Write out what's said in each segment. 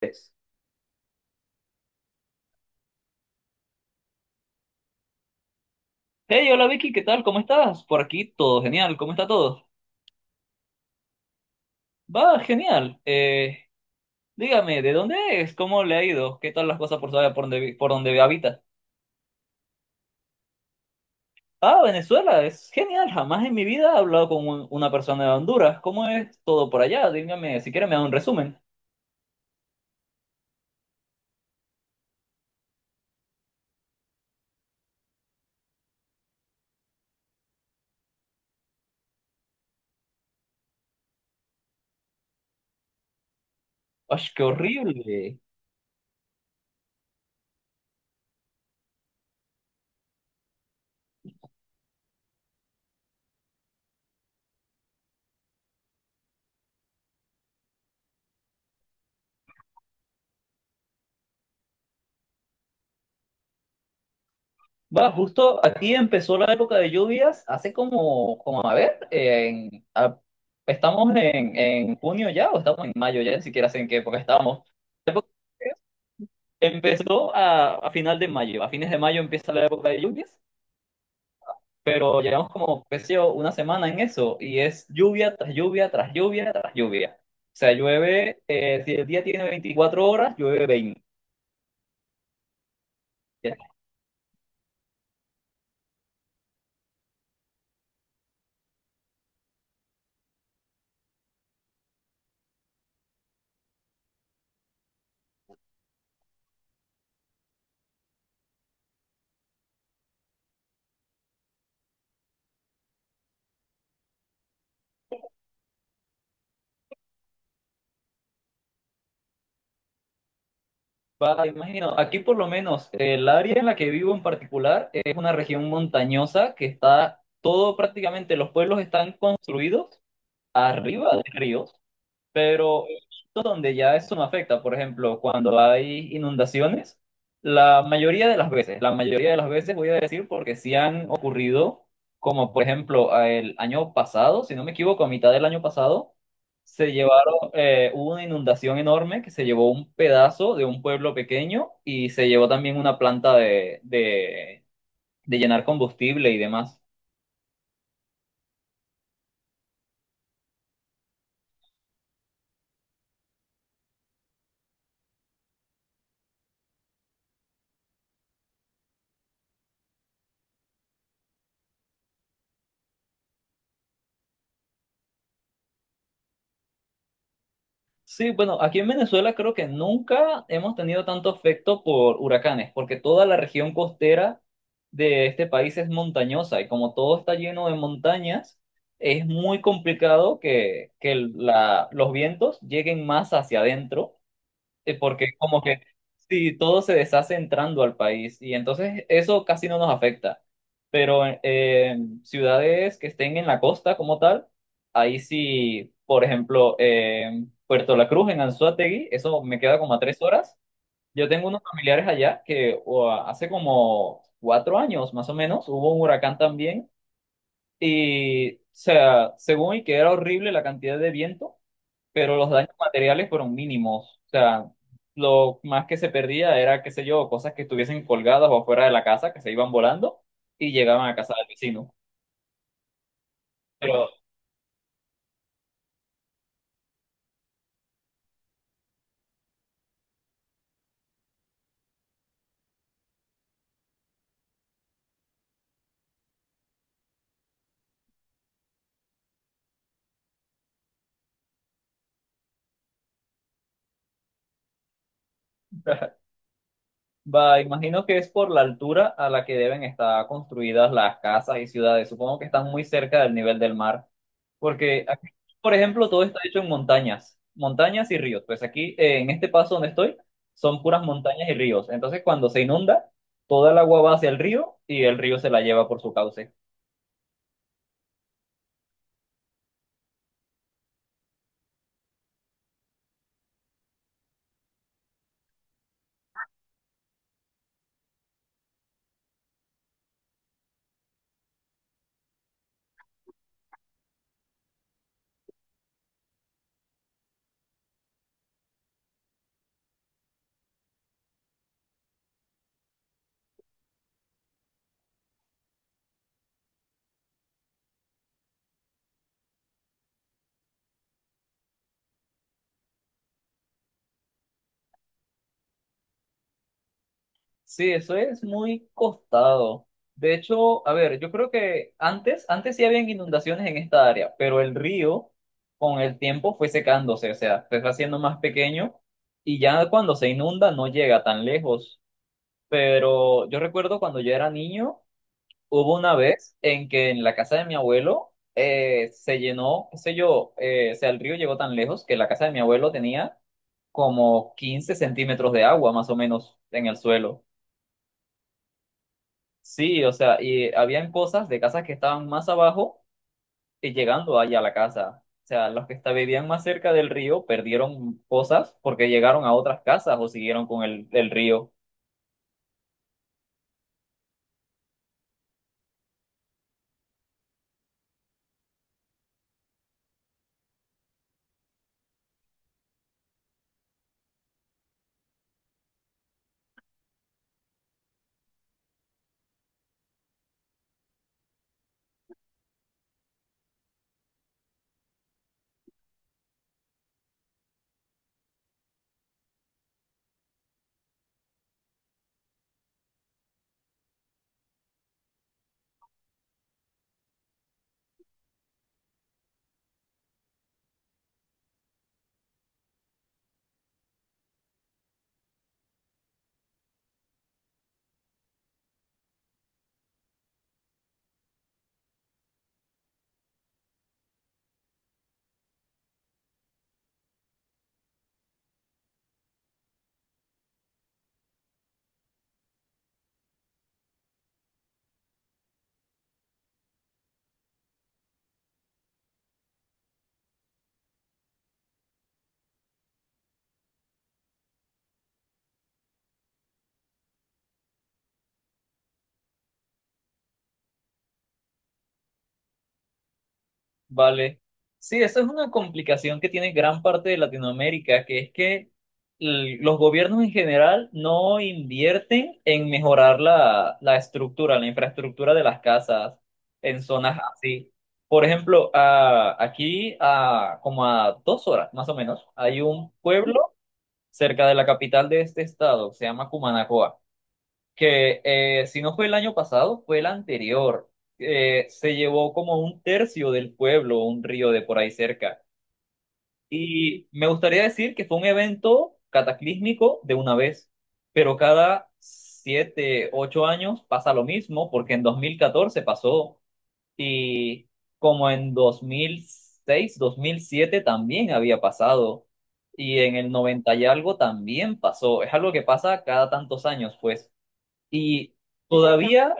Tres. Hey, hola Vicky, ¿qué tal? ¿Cómo estás? Por aquí todo genial, ¿cómo está todo? Va, genial. Dígame, ¿de dónde es? ¿Cómo le ha ido? ¿Qué tal las cosas por saber por dónde, por dónde habita? Ah, Venezuela, es genial. Jamás en mi vida he hablado con una persona de Honduras. ¿Cómo es todo por allá? Dígame, si quiere me da un resumen. ¡Ay, qué horrible! Va, justo aquí empezó la época de lluvias, hace como, como a ver, estamos en junio ya o estamos en mayo ya, ni siquiera sé en qué época estamos. La época de lluvias empezó a final de mayo, a fines de mayo empieza la época de lluvias, pero llevamos como, qué sé yo, una semana en eso y es lluvia tras lluvia tras lluvia tras lluvia. O sea, llueve, si el día tiene 24 horas, llueve 20. Va, imagino, aquí por lo menos el área en la que vivo en particular es una región montañosa que está todo prácticamente, los pueblos están construidos arriba de ríos. Pero he visto donde ya eso no afecta, por ejemplo, cuando hay inundaciones, la mayoría de las veces, la mayoría de las veces voy a decir porque sí han ocurrido, como por ejemplo a el año pasado, si no me equivoco, a mitad del año pasado, se llevaron, hubo una inundación enorme que se llevó un pedazo de un pueblo pequeño y se llevó también una planta de llenar combustible y demás. Sí, bueno, aquí en Venezuela creo que nunca hemos tenido tanto afecto por huracanes, porque toda la región costera de este país es montañosa y como todo está lleno de montañas, es muy complicado que los vientos lleguen más hacia adentro porque como que sí, todo se deshace entrando al país y entonces eso casi no nos afecta. Pero en ciudades que estén en la costa como tal, ahí sí, por ejemplo, Puerto La Cruz, en Anzoátegui, eso me queda como a 3 horas. Yo tengo unos familiares allá hace como 4 años más o menos hubo un huracán también y, o sea, según y que era horrible la cantidad de viento, pero los daños materiales fueron mínimos. O sea, lo más que se perdía era, qué sé yo, cosas que estuviesen colgadas o afuera de la casa, que se iban volando y llegaban a casa del vecino. Pero va, imagino que es por la altura a la que deben estar construidas las casas y ciudades. Supongo que están muy cerca del nivel del mar, porque aquí, por ejemplo, todo está hecho en montañas, montañas y ríos. Pues aquí, en este paso donde estoy, son puras montañas y ríos. Entonces, cuando se inunda, toda el agua va hacia el río y el río se la lleva por su cauce. Sí, eso es muy costado. De hecho, a ver, yo creo que antes, antes sí habían inundaciones en esta área, pero el río con el tiempo fue secándose, o sea, se fue haciendo más pequeño y ya cuando se inunda no llega tan lejos. Pero yo recuerdo cuando yo era niño, hubo una vez en que en la casa de mi abuelo se llenó, qué sé yo, o sea, el río llegó tan lejos que la casa de mi abuelo tenía como 15 centímetros de agua más o menos en el suelo. Sí, o sea, y habían cosas de casas que estaban más abajo y llegando allá a la casa. O sea, los que vivían más cerca del río perdieron cosas porque llegaron a otras casas o siguieron con el río. Vale. Sí, esa es una complicación que tiene gran parte de Latinoamérica, que es que los gobiernos en general no invierten en mejorar la estructura, la infraestructura de las casas en zonas así. Por ejemplo, aquí a como a 2 horas más o menos, hay un pueblo cerca de la capital de este estado, se llama Cumanacoa que si no fue el año pasado, fue el anterior. Se llevó como un tercio del pueblo, un río de por ahí cerca. Y me gustaría decir que fue un evento cataclísmico de una vez, pero cada 7, 8 años pasa lo mismo, porque en 2014 pasó y como en 2006 2007 también había pasado. Y en el 90 y algo también pasó. Es algo que pasa cada tantos años, pues. Y todavía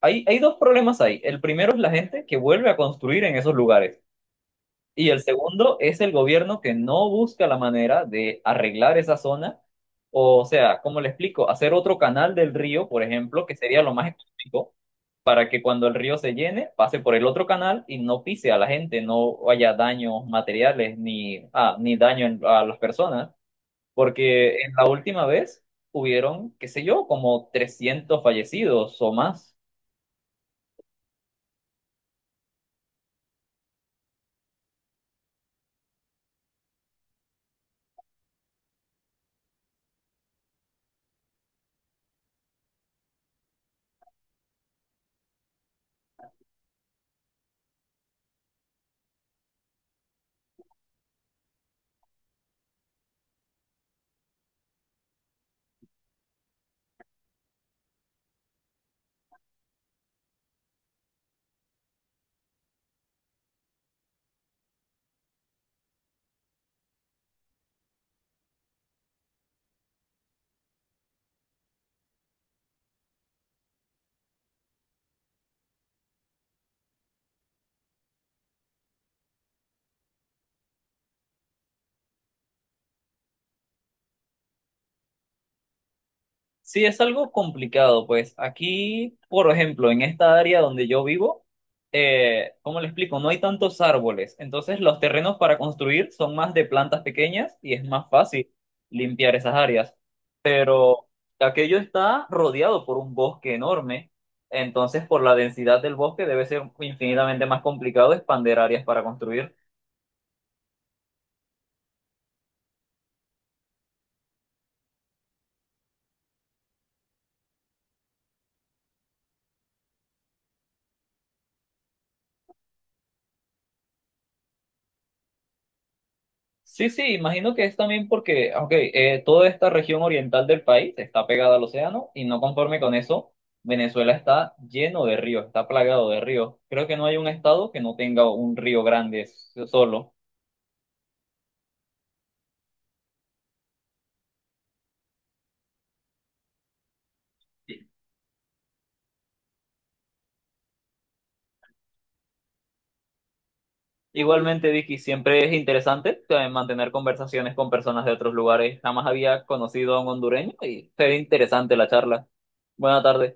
hay dos problemas ahí. El primero es la gente que vuelve a construir en esos lugares. Y el segundo es el gobierno que no busca la manera de arreglar esa zona. O sea, cómo le explico, hacer otro canal del río, por ejemplo, que sería lo más económico, para que cuando el río se llene, pase por el otro canal y no pise a la gente, no haya daños materiales ni daño a las personas. Porque en la última vez hubieron, qué sé yo, como 300 fallecidos o más. Sí, es algo complicado, pues aquí, por ejemplo, en esta área donde yo vivo, ¿cómo le explico? No hay tantos árboles, entonces los terrenos para construir son más de plantas pequeñas y es más fácil limpiar esas áreas. Pero aquello está rodeado por un bosque enorme, entonces por la densidad del bosque debe ser infinitamente más complicado expander áreas para construir. Sí, sí, imagino que es también porque, ok, toda esta región oriental del país está pegada al océano y no conforme con eso, Venezuela está lleno de ríos, está plagado de ríos. Creo que no hay un estado que no tenga un río grande solo. Igualmente, Vicky, siempre es interesante mantener conversaciones con personas de otros lugares. Jamás había conocido a un hondureño y fue interesante la charla. Buena tarde.